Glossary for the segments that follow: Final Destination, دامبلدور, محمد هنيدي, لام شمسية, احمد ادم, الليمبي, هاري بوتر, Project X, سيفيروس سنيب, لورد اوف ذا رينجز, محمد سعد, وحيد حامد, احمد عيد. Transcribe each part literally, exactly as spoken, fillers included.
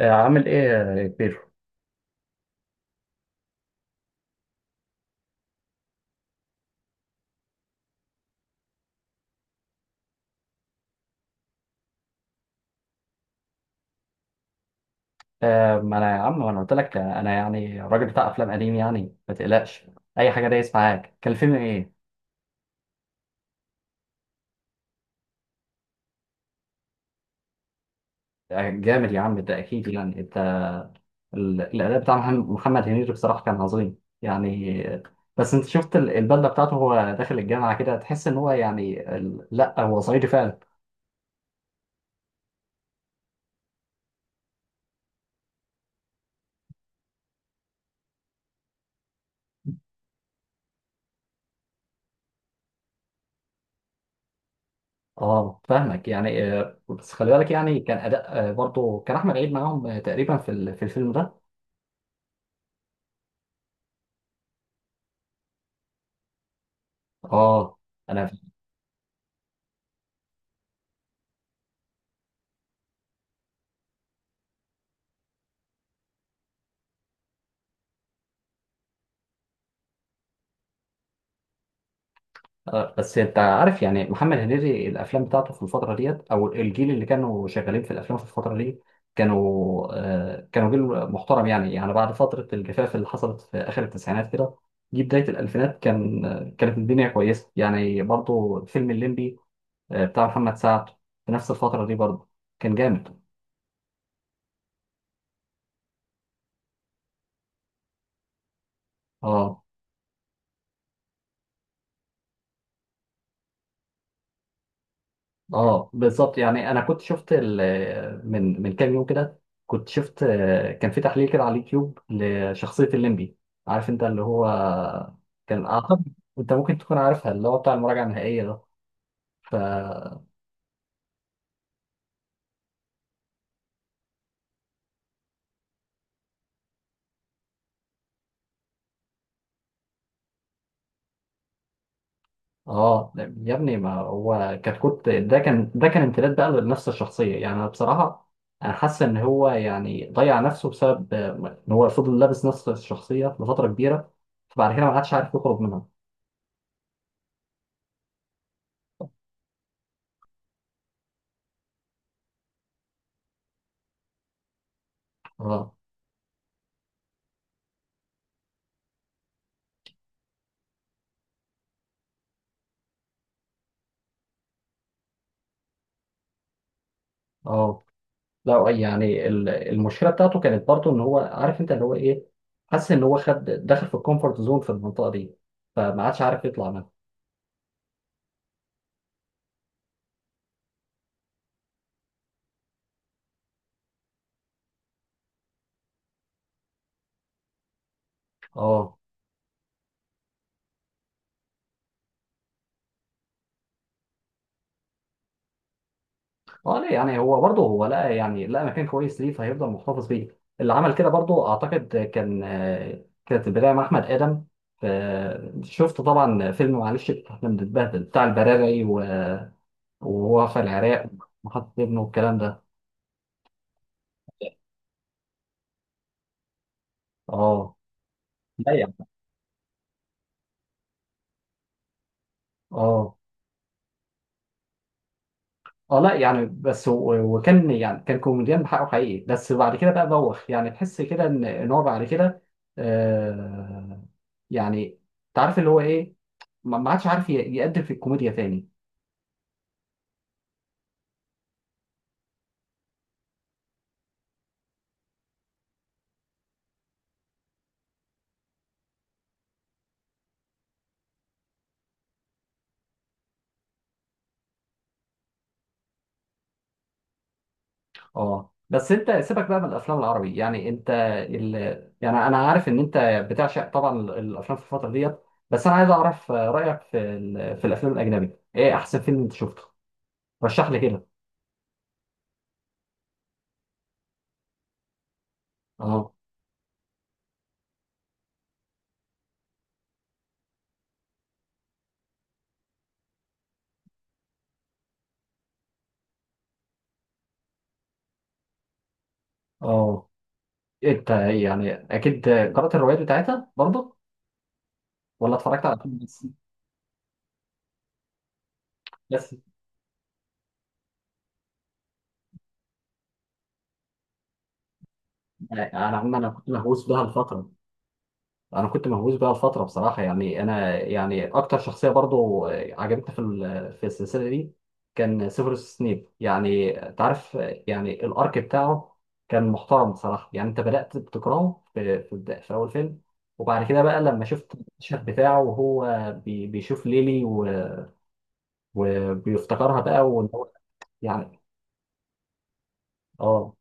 آه، عامل ايه يا بيرو؟ آه، ما انا يا عم ما انا قلت لك، آه، انا يعني راجل بتاع افلام قديم، يعني ما تقلقش. اي حاجه دايس معاك. كان الفيلم ايه؟ آه، جامد يا عم، ده اكيد. يعني انت، ال- الاداء بتاع محمد محمد هنيدي بصراحه كان عظيم يعني. آه، بس انت شفت ال- البدله بتاعته، هو داخل الجامعه كده، تحس ان هو يعني، ال- لا، هو صعيدي فعلا. اه فاهمك يعني. آه، بس خلي بالك، يعني كان اداء آه، برضه، كان احمد عيد معاهم آه، تقريبا في ال- في الفيلم ده. اه. انا آه، بس انت عارف يعني، محمد هنيدي الافلام بتاعته في الفتره ديت، او الجيل اللي كانوا شغالين في الافلام في الفتره دي، كانوا آه، كانوا جيل محترم يعني. يعني بعد فتره الجفاف اللي حصلت في اخر التسعينات كده، جه بدايه الالفينات، كان آه، كانت الدنيا كويسه يعني. برضو فيلم الليمبي آه، بتاع محمد سعد، في نفس الفتره دي برضو، كان جامد. اه. اه بالظبط يعني. انا كنت شفت، ال- من من كام يوم كده، كنت شفت آه، كان في تحليل كده على اليوتيوب لشخصيه الليمبي. عارف انت اللي هو، كان اعتقد انت ممكن تكون عارفها، اللي هو بتاع المراجعه النهائيه ده. ف اه يا ابني، ما هو كتكوت ده كان، ده كان امتداد بقى لنفس الشخصيه يعني. انا بصراحه، انا حاسس ان هو يعني ضيع نفسه بسبب آه، ان هو فضل لابس نفس الشخصيه لفتره كبيره، فبعد كده ما عادش عارف يخرج منها. اه. اه، لا يعني، ال- المشكله بتاعته كانت برضه ان هو، عارف انت اللي هو ايه، حس ان هو خد، دخل في الكومفورت زون، في المنطقه دي، فما عادش عارف يطلع منها. اه. اه، لا يعني، هو برضه، هو لقى، يعني لقى مكان كويس ليه فهيفضل محتفظ بيه. اللي عمل كده برضه اعتقد كان آه، كانت البدايه مع احمد ادم. آه، شفت طبعا فيلم معلش احنا بنتبهدل بتاع البراري، و- وهو في العراق، وحط ابنه والكلام ده. اه، لا يعني. اه. اه، لا يعني، بس و- وكان يعني، كان كوميديان بحقه حقيقي، بس بعد كده بقى بوخ يعني، تحس كده ان ان هو بعد كده آه يعني تعرف اللي هو ايه، ما ما عادش عارف ي- يقدم في الكوميديا تاني. اه، بس انت سيبك بقى من الافلام العربي يعني. انت، ال... يعني انا عارف ان انت بتعشق طبعا ال- الافلام في الفتره ديت، بس انا عايز اعرف آه، رايك في ال... في الافلام الاجنبي. ايه احسن فيلم انت شفته؟ رشح لي كده. اه. اه، انت يعني اكيد قرات الروايات بتاعتها برضه، ولا اتفرجت على فيلم بس؟ بس يعني انا عم انا كنت مهووس بها لفتره. انا كنت مهووس بها لفتره بصراحه يعني. انا يعني اكتر شخصيه برضو عجبتني في ال- في السلسله دي كان سيفيروس سنيب، يعني تعرف، يعني الارك بتاعه كان محترم بصراحه يعني. انت بدات بتكرهه في في, البدا- في اول فيلم، وبعد كده بقى لما شفت المشهد بتاعه، وهو بي- بيشوف ليلي و- وبيفتكرها بقى، وان هو يعني. اه.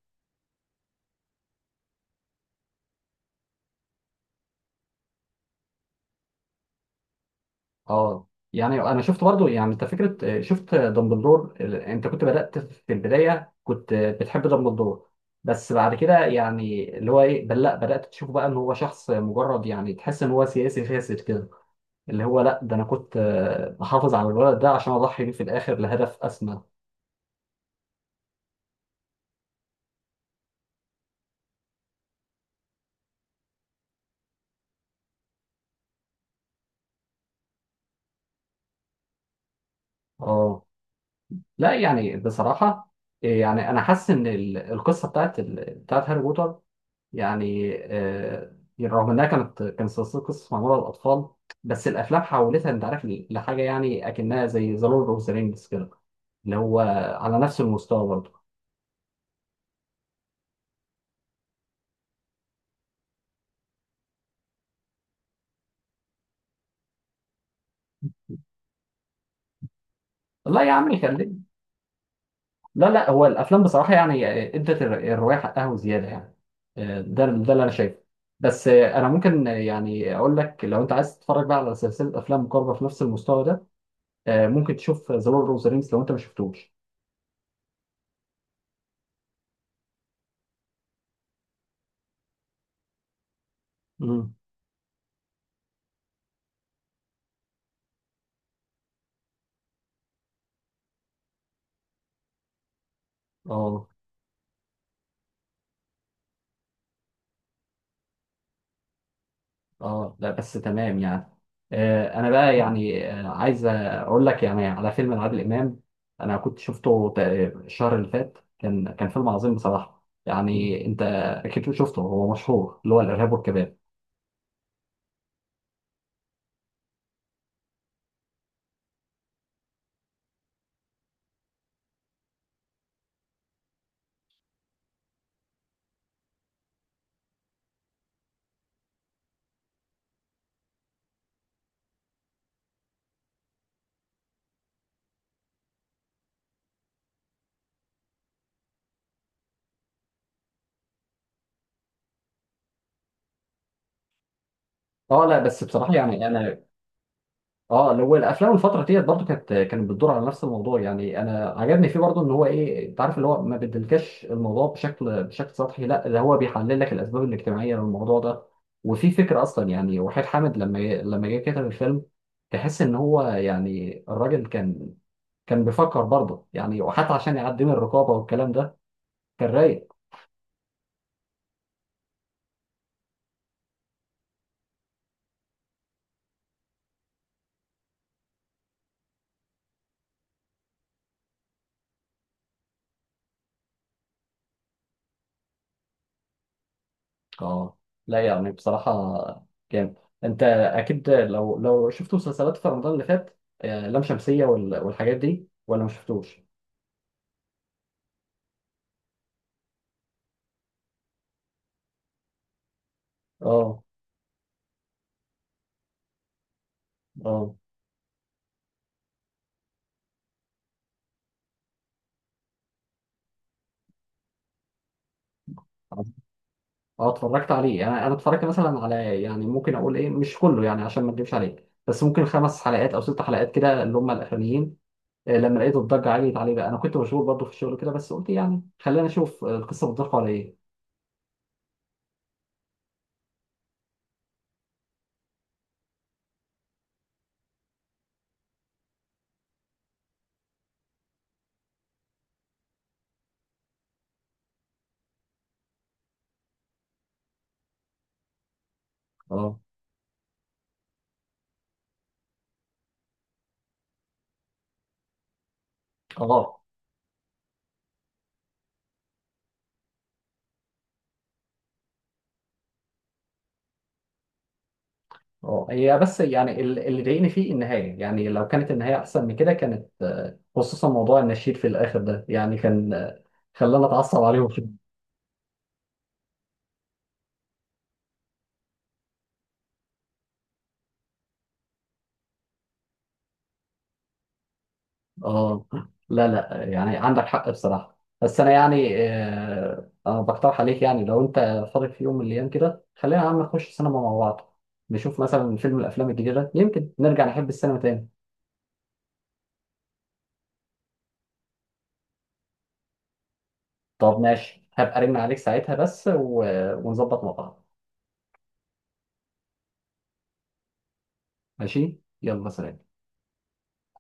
اه، يعني انا شفت برضو يعني انت فكره. آه، شفت دامبلدور، ال- انت كنت بدات في البدايه، كنت آه، بتحب دامبلدور، بس بعد كده يعني اللي هو ايه، بل لا، بدات تشوفه بقى ان هو شخص مجرد، يعني تحس ان هو سياسي فاسد كده، اللي هو لا، ده انا كنت آه، بحافظ على الولد ده عشان اضحي بيه في الاخر لهدف اسمى. اه، لا يعني بصراحه آه، يعني انا حاسس ان ال- القصه بتاعت ال- بتاعت هاري بوتر، يعني آه، رغم انها، كانت كان سلسله قصص معموله للاطفال، بس الافلام حولتها انت عارف ل- لحاجه يعني، اكنها زي ذا لورد اوف ذا رينجز كده، اللي هو على نفس المستوى برضه. لا يا عم خليني. لا، لا، هو الافلام بصراحه يعني آه، ادت الر- الروايه حقها وزياده يعني. آه، ده ده اللي انا شايفه. بس آه، انا ممكن آه، يعني اقول لك، لو انت عايز تتفرج بقى على سلسله افلام مقاربه في نفس المستوى ده، آه، ممكن تشوف ذا لورد اوف ذا رينجز لو انت ما شفتوش. امم. اه. اه، لا بس تمام يعني. آه انا بقى يعني آه عايز اقول لك يعني على فيلم لعادل امام. انا كنت شفته تقريبا الشهر اللي فات، كان كان فيلم عظيم بصراحه يعني. انت اكيد شفته، هو مشهور، اللي هو الارهاب والكباب. اه، لا بس بصراحه يعني انا. اه، اللي هو الافلام الفتره ديت برضو، كانت كانت بتدور على نفس الموضوع يعني. انا عجبني فيه برضو ان هو، ايه، انت عارف اللي هو، ما بيدلكش الموضوع بشكل، بشكل سطحي، لا ده هو بيحلل لك الاسباب الاجتماعيه للموضوع ده. وفي فكره اصلا يعني، وحيد حامد لما لما جه كتب الفيلم، تحس ان هو يعني الراجل كان، كان بيفكر برضه يعني، وحتى عشان يعدي من الرقابه والكلام ده كان رايق. اه، لا يعني بصراحة جامد. انت اكيد لو لو شفت مسلسلات في رمضان اللي فات آه، لام شمسية وال- والحاجات دي، ولا ما شفتوش؟ اه. اه. اه، اتفرجت عليه. انا انا اتفرجت مثلا على، يعني ممكن اقول ايه، مش كله يعني عشان ما اكدبش عليك، بس ممكن خمس حلقات او ست حلقات كده اللي هم الاخرانيين. آه، لما لقيت الضجة عالية عليه بقى، انا كنت مشغول برضه في الشغل كده، بس قلت يعني خلينا نشوف آه، القصة بتدور على ايه. اه. اه. اه، هي بس يعني ال- اللي ضايقني فيه النهايه يعني، لو كانت النهايه احسن من كده كانت آه، خصوصا موضوع النشيد في الاخر ده، يعني كان آه، خلاني اتعصب عليهم في. اه، لا لا يعني عندك حق بصراحه. بس انا يعني آه، انا بقترح عليك يعني، لو انت فاضي في يوم من الايام كده، خلينا يا عم نخش سينما مع بعض، نشوف مثلا فيلم من الافلام الجديده، يمكن نرجع نحب السينما تاني. طب ماشي، هبقى ارن عليك ساعتها، بس و... ونظبط مع بعض. ماشي يلا سلام.